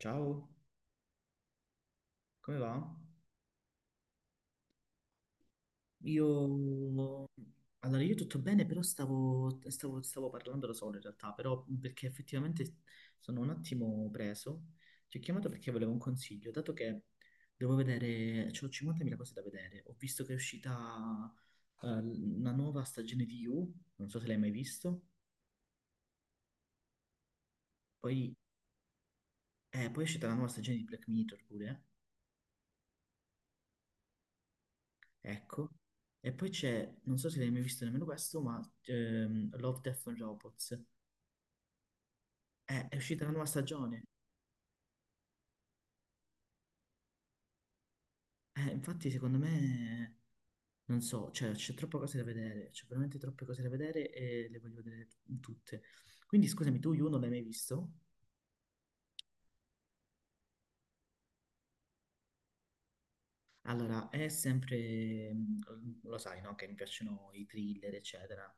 Ciao, come va? Io, allora io tutto bene, però stavo parlando da solo in realtà, però perché effettivamente sono un attimo preso. Ti ho chiamato perché volevo un consiglio, dato che devo vedere, c'ho 50.000 cose da vedere. Ho visto che è uscita una nuova stagione di You, non so se l'hai mai visto. Poi, poi è uscita la nuova stagione di Black Mirror pure, ecco. E poi c'è, non so se l'hai mai visto nemmeno questo, ma Love, Death and Robots. È uscita la nuova stagione. Infatti, secondo me, non so, cioè, c'è troppe cose da vedere, c'è veramente troppe cose da vedere e le voglio vedere tutte. Quindi, scusami, tu, You non l'hai mai visto? Allora, è sempre, lo sai, no? Che mi piacciono i thriller, eccetera.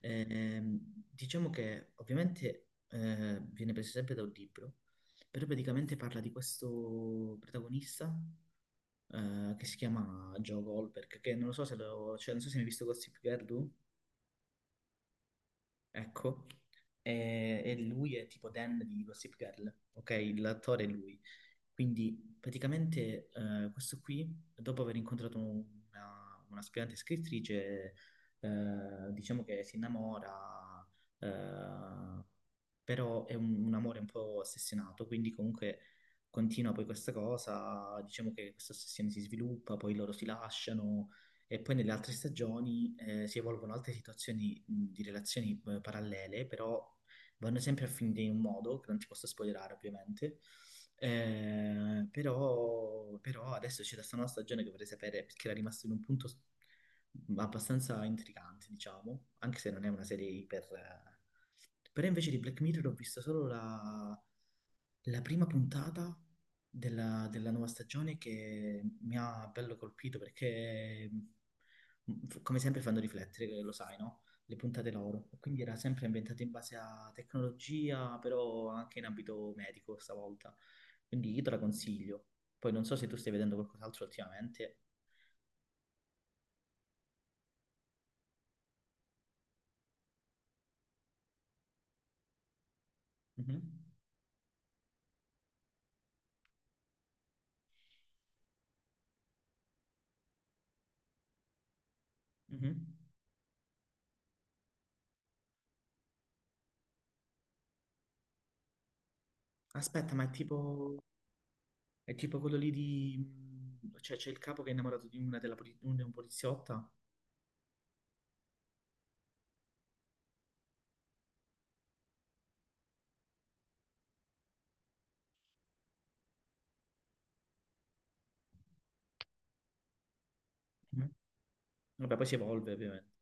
Ehm, diciamo che ovviamente viene preso sempre da un libro, però praticamente parla di questo protagonista che si chiama Joe Goldberg, che non lo so se lo, cioè, non so se hai mai visto Gossip Girl tu. Ecco, e lui è tipo Dan di Gossip Girl, ok? L'attore è lui. Quindi praticamente questo qui, dopo aver incontrato un'aspirante scrittrice, diciamo che si innamora, eh, però è un amore un po' ossessionato, quindi comunque continua poi questa cosa, diciamo che questa ossessione si sviluppa, poi loro si lasciano e poi nelle altre stagioni si evolvono altre situazioni di relazioni parallele, però vanno sempre a finire in un modo, che non ti posso spoilerare ovviamente, però adesso c'è questa nuova stagione che vorrei sapere perché era rimasta in un punto abbastanza intrigante, diciamo, anche se non è una serie però invece di Black Mirror ho visto solo la prima puntata della nuova stagione che mi ha bello colpito perché, come sempre, fanno riflettere, lo sai, no? Le puntate loro. Quindi era sempre ambientata in base a tecnologia, però anche in ambito medico stavolta. Quindi io te la consiglio. Poi non so se tu stai vedendo qualcos'altro ultimamente. Mhm, mhm. Aspetta, ma è tipo... È tipo quello lì di... cioè, c'è il capo che è innamorato di una della poli- un- di un poliziotta. Mhm. Vabbè, poi si evolve, ovviamente.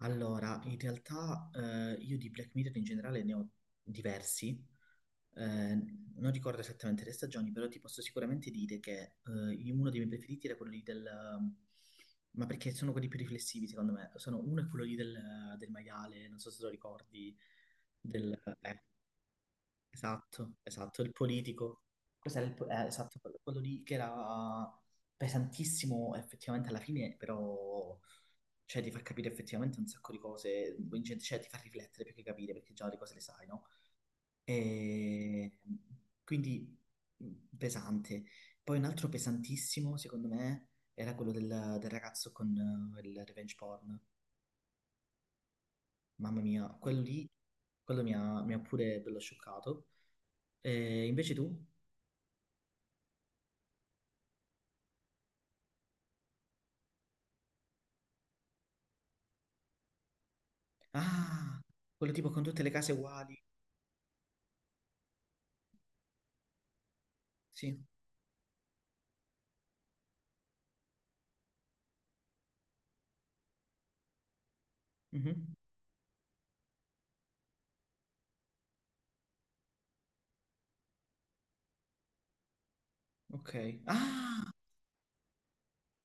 Allora, in realtà io di Black Mirror in generale ne ho diversi. Eh, non ricordo esattamente le stagioni, però ti posso sicuramente dire che uno dei miei preferiti era quello lì del... Ma perché sono quelli più riflessivi, secondo me. Sono, uno è quello lì del maiale, non so se lo ricordi, del... eh, Esatto, esatto, il politico. Questo era esatto, quello lì che era pesantissimo effettivamente alla fine, però cioè, ti fa capire effettivamente un sacco di cose, cioè ti fa riflettere più che capire perché già le cose le sai, no? E quindi pesante. Poi un altro pesantissimo, secondo me, era quello del ragazzo con il revenge porn. Mamma mia, quello lì, quello mi ha pure bello scioccato. E invece tu? Ah, quello tipo con tutte le case uguali. Sì. Mhm. Ok. Ah,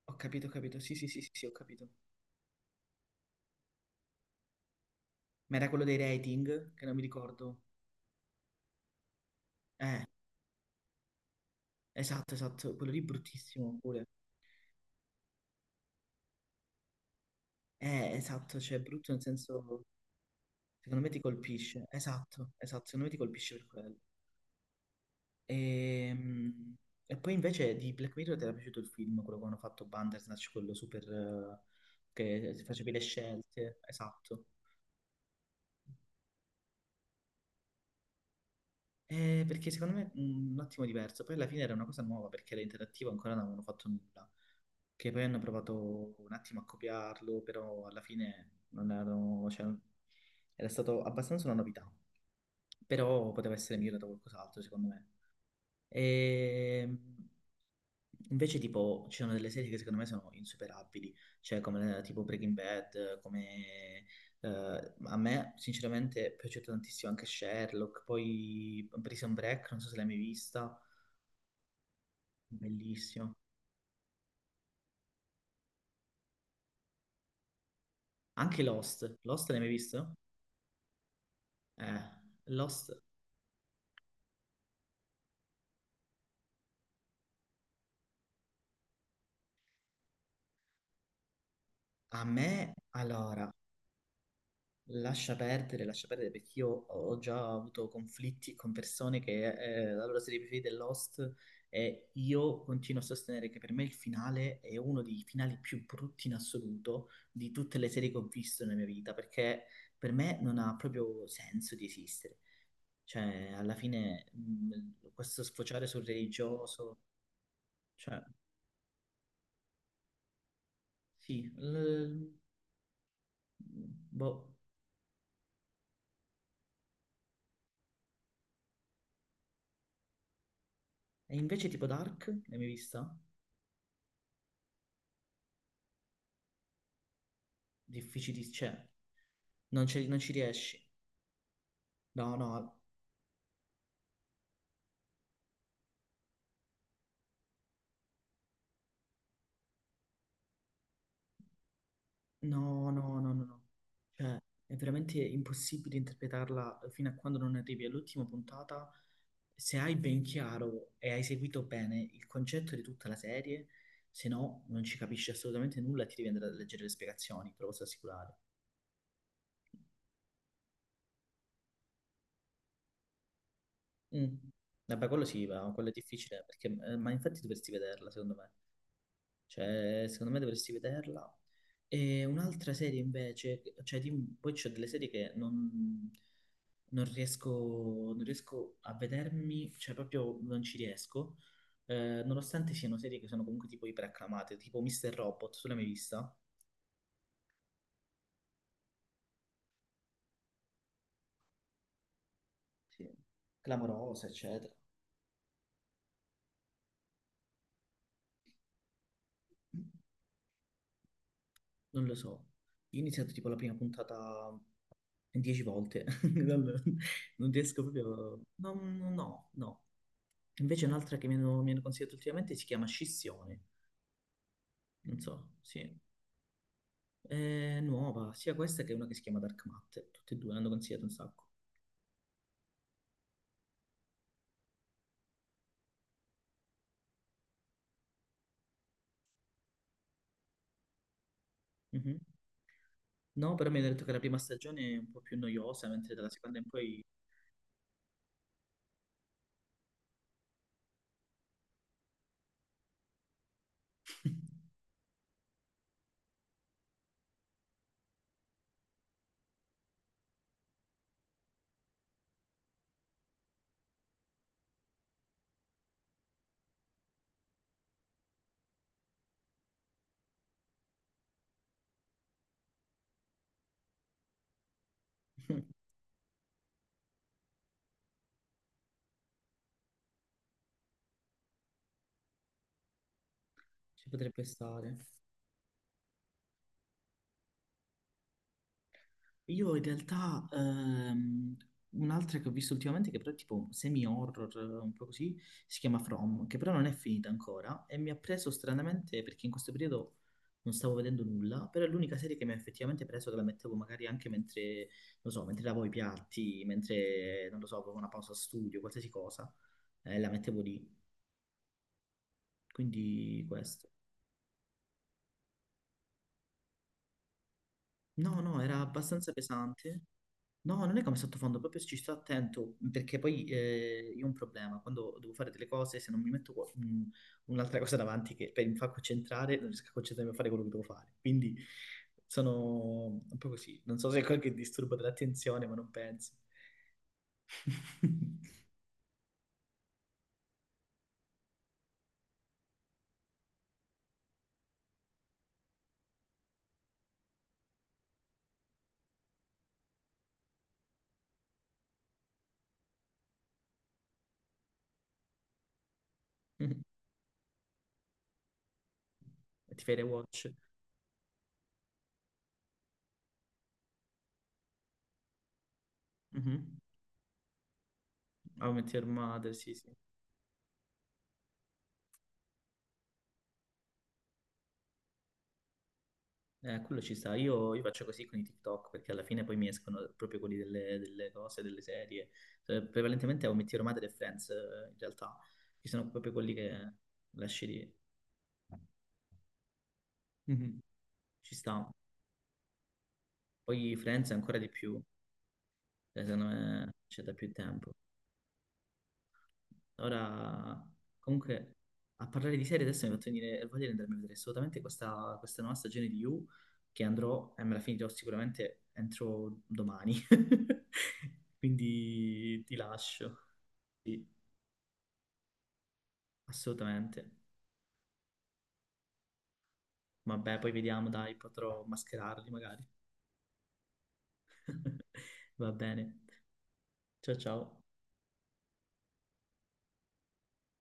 ho capito, ho capito. Sì, sì, sì, sì, sì, ho capito. Ma era quello dei rating, che non mi ricordo. Eh, esatto, esatto. Quello lì bruttissimo pure. Esatto, cioè brutto nel senso, secondo me ti colpisce. Esatto, esatto, secondo me ti colpisce per quello. Ehm, E, poi invece di Black Mirror ti era piaciuto il film, quello che hanno fatto Bandersnatch, quello super... che facevi le scelte. Esatto. Perché secondo me è un attimo diverso. Poi alla fine era una cosa nuova perché era interattivo, ancora non avevano fatto nulla. Che poi hanno provato un attimo a copiarlo, però alla fine non erano, cioè, era stato abbastanza una novità. Però poteva essere migliorato qualcos'altro, secondo me. E invece, tipo, ci sono delle serie che secondo me sono insuperabili, cioè come tipo Breaking Bad, come a me sinceramente è piaciuto tantissimo anche Sherlock, poi Prison Break, non so se l'hai mai vista, bellissimo. Anche Lost, Lost l'hai mai visto? Eh, Lost a me, allora, lascia perdere, lascia perdere perché io ho già avuto conflitti con persone che la loro serie preferita è Lost e io continuo a sostenere che per me il finale è uno dei finali più brutti in assoluto di tutte le serie che ho visto nella mia vita perché per me non ha proprio senso di esistere. Cioè, alla fine questo sfociare sul religioso, cioè, sì, boh. E invece tipo Dark, l'hai mai vista? Difficili, cioè, non ci riesci. No, no, no, no, no, no, no. Cioè, è veramente impossibile interpretarla fino a quando non arrivi all'ultima puntata. Se hai ben chiaro e hai seguito bene il concetto di tutta la serie, se no non ci capisci assolutamente nulla e ti devi andare a leggere le spiegazioni, te lo posso assicurare. Mm. Vabbè, quello sì, va, quello è difficile, perché, ma infatti dovresti vederla, secondo me. Cioè, secondo me dovresti vederla. E un'altra serie invece, cioè, poi c'è delle serie che non, non riesco, non riesco a vedermi, cioè proprio non ci riesco, nonostante siano serie che sono comunque tipo iperacclamate, tipo Mr. Robot, tu l'hai mai vista? Sì. Clamorosa, eccetera. Non lo so. Io ho iniziato tipo la prima puntata 10 volte, non, non riesco proprio... No, no, no. No. Invece un'altra che mi hanno consigliato ultimamente si chiama Scissione, non so, sì. È nuova, sia questa che una che si chiama Dark Matter, tutte e due l'hanno consigliato un sacco. Mhm. No, però mi hanno detto che la prima stagione è un po' più noiosa, mentre dalla seconda in poi ci potrebbe stare. Io in realtà un'altra che ho visto ultimamente che però è tipo semi-horror, un po' così, si chiama From, che però non è finita ancora e mi ha preso stranamente perché in questo periodo non stavo vedendo nulla, però è l'unica serie che mi ha effettivamente preso che la mettevo magari anche mentre, non so, mentre lavo i piatti, mentre, non lo so, avevo una pausa studio, qualsiasi cosa, la mettevo lì, quindi questo. No, no, era abbastanza pesante. No, non è come sottofondo, proprio ci sto attento, perché poi io ho un problema, quando devo fare delle cose, se non mi metto un'altra cosa davanti che mi fa concentrare, non riesco a concentrarmi a fare quello che devo fare. Quindi sono un po' così, non so se è qualche disturbo dell'attenzione, ma non penso. Ti fai le watch? Mhm. How I Met Your Mother, sì, sì. Quello ci sta. Io faccio così con i TikTok perché alla fine poi mi escono proprio quelli delle, delle cose, delle serie. Prevalentemente ho Metti Romate e Friends, in realtà, che sono proprio quelli che lasci lì. Mhm. Ci sta. Poi Friends ancora di più, secondo me c'è da più tempo. Ora, comunque, a parlare di serie adesso mi ha fatto venire voglia di andarmi a vedere assolutamente questa, nuova stagione di You, che andrò e me la finirò sicuramente entro domani. Quindi ti lascio. Sì, assolutamente. Vabbè, poi vediamo, dai, potrò mascherarli magari. Va bene. Ciao ciao.